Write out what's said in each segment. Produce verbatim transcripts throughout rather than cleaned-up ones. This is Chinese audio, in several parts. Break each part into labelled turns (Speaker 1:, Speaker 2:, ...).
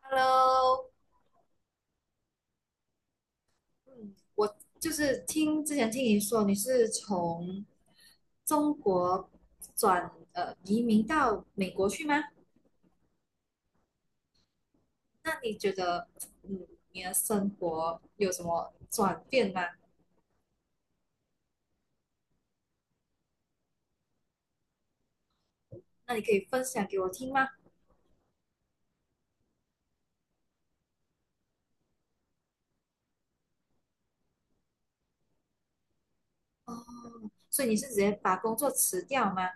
Speaker 1: Hello，嗯，我就是听之前听你说你是从中国转呃移民到美国去吗？那你觉得嗯你的生活有什么转变吗？那你可以分享给我听吗？哦，所以你是直接把工作辞掉吗？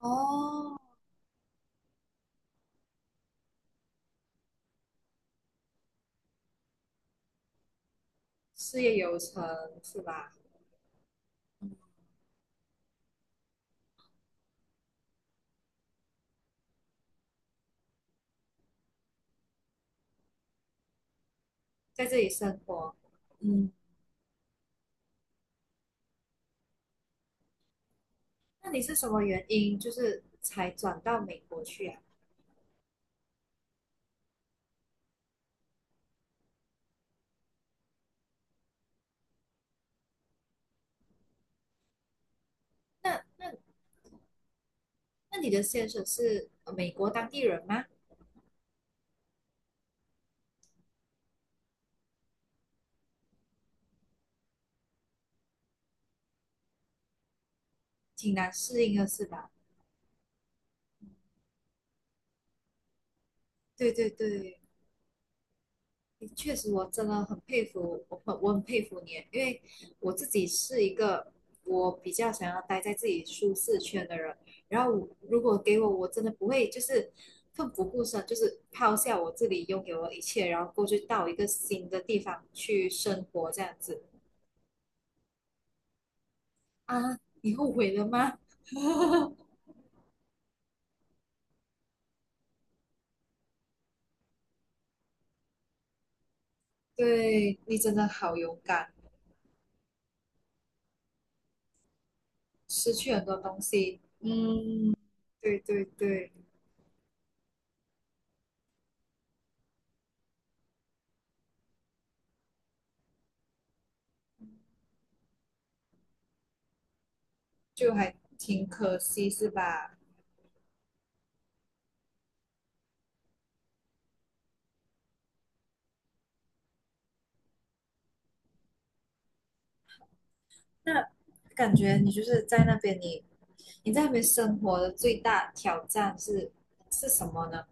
Speaker 1: 哦，事业有成是吧？在这里生活，嗯，那你是什么原因就是才转到美国去啊？那那那你的先生是呃美国当地人吗？挺难适应的是吧？对对对，确实，我真的很佩服，我很我很佩服你，因为我自己是一个我比较想要待在自己舒适圈的人，然后我如果给我，我真的不会就是奋不顾身，就是抛下我自己拥有的一切，然后过去到一个新的地方去生活这样子。啊？你后悔了吗？对，你真的好勇敢。失去很多东西。嗯，对对对，就还挺可惜，是吧？那感觉你就是在那边你，你在那边生活的最大挑战是是什么呢？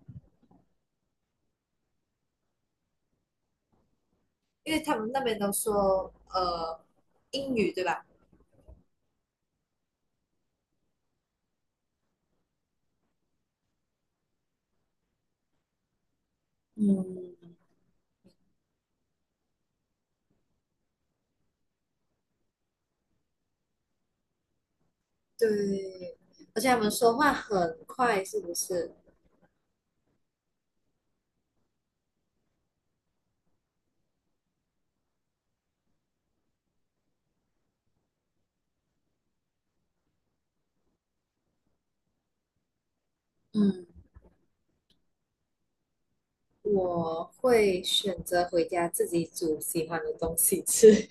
Speaker 1: 因为他们那边都说呃英语，对吧？嗯，对，而且他们说话很快，是不是？嗯，我会选择回家自己煮喜欢的东西吃。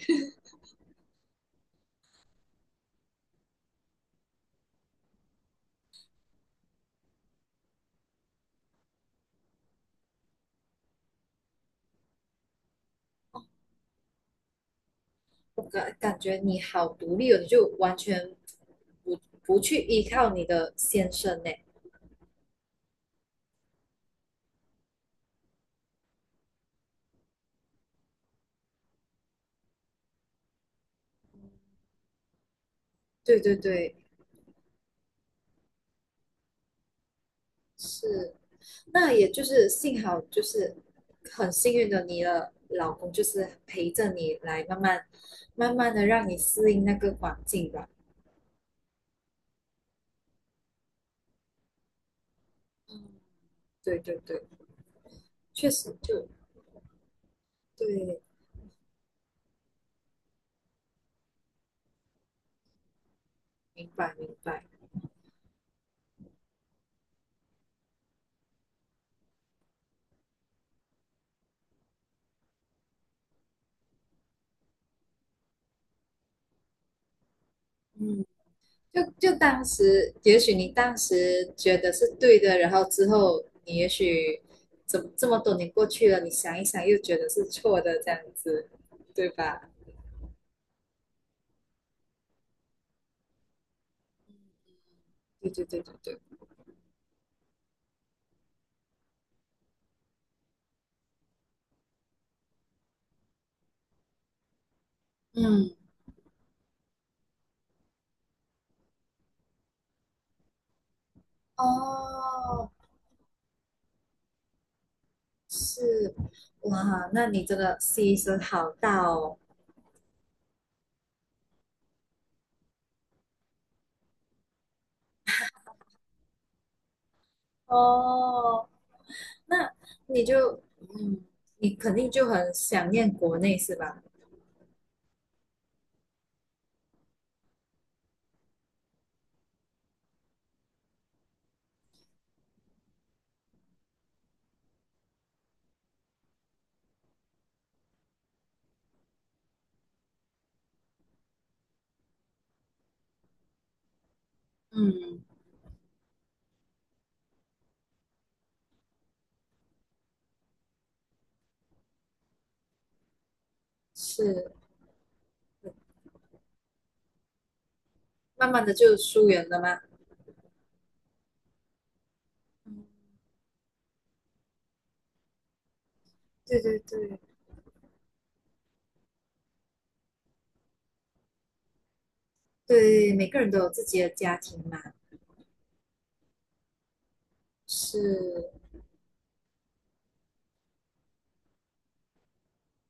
Speaker 1: 我感感觉你好独立哦，你就完全不不去依靠你的先生呢。对对对，是。那也就是幸好就是很幸运的，你的老公就是陪着你来慢慢慢慢的让你适应那个环境吧。嗯，对对对，确实就对，明白明白。嗯，就就当时也许你当时觉得是对的，然后之后你也许怎么这么多年过去了，你想一想又觉得是错的这样子，对吧？对对对对对，嗯，哦，是，哇，那你这个牺牲好大哦，哦，那你就，嗯，你肯定就很想念国内是吧？嗯，是，慢慢的就疏远了吗？嗯，对对对，对，每个人都有自己的家庭嘛，是，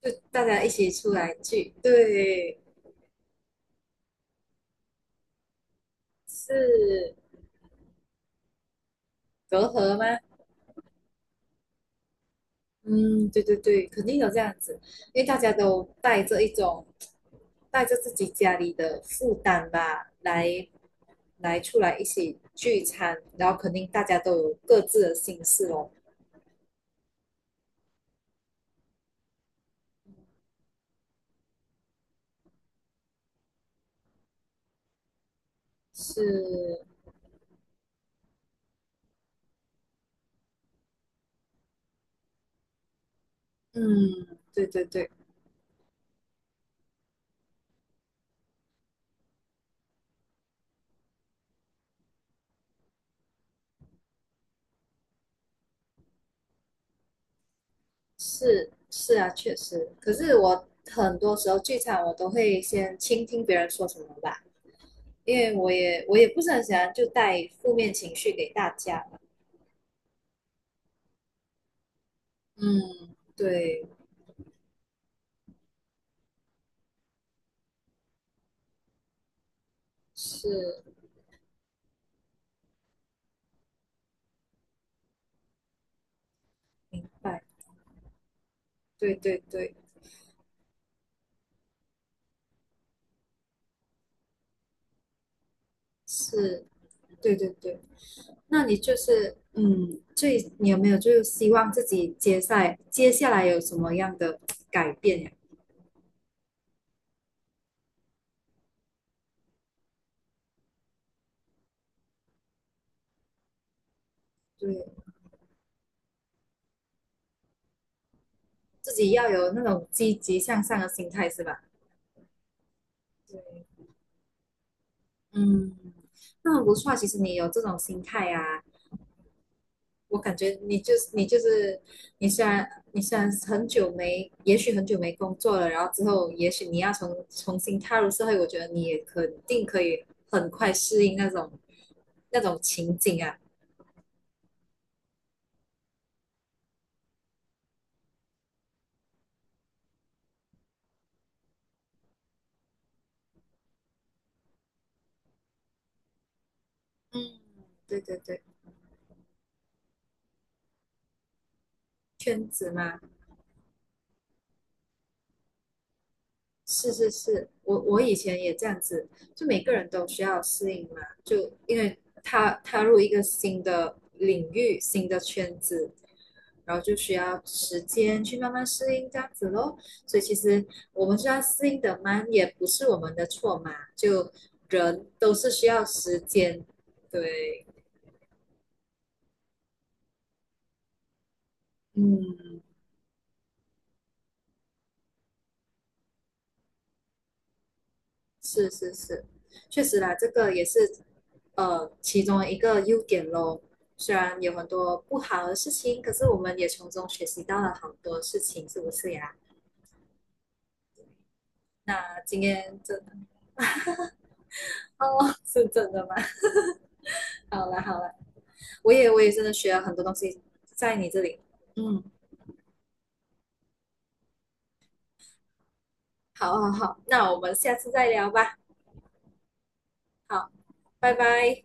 Speaker 1: 就大家一起出来聚，对，是隔阂吗？嗯，对对对，肯定有这样子，因为大家都带着一种带着自己家里的负担吧，来来出来一起聚餐，然后肯定大家都有各自的心事哦。是，嗯，对对对，是是啊，确实。可是我很多时候聚餐，我都会先倾听别人说什么吧，因为我也我也不是很喜欢就带负面情绪给大家嘛。嗯，对，是，明白。对对对，是，对对对。那你就是，嗯，最，你有没有就是希望自己接下来接下来有什么样的改变呀？对，自己要有那种积极向上的心态是吧？对，嗯，那很不错啊其实你有这种心态啊，我感觉你就是你就是你虽然你虽然很久没，也许很久没工作了，然后之后也许你要重重新踏入社会，我觉得你也肯定可以很快适应那种那种情景啊。嗯，对对对，圈子嘛，是是是，我我以前也这样子，就每个人都需要适应嘛，就因为踏踏入一个新的领域、新的圈子，然后就需要时间去慢慢适应这样子咯。所以其实我们需要适应的慢，也不是我们的错嘛，就人都是需要时间。对，嗯，是是是，确实啦，这个也是呃其中一个优点咯。虽然有很多不好的事情，可是我们也从中学习到了好多事情，是不是呀？那今天真的哦，是真的吗？好了好了，我也我也真的学了很多东西在你这里。嗯，好好好，那我们下次再聊吧。好，拜拜。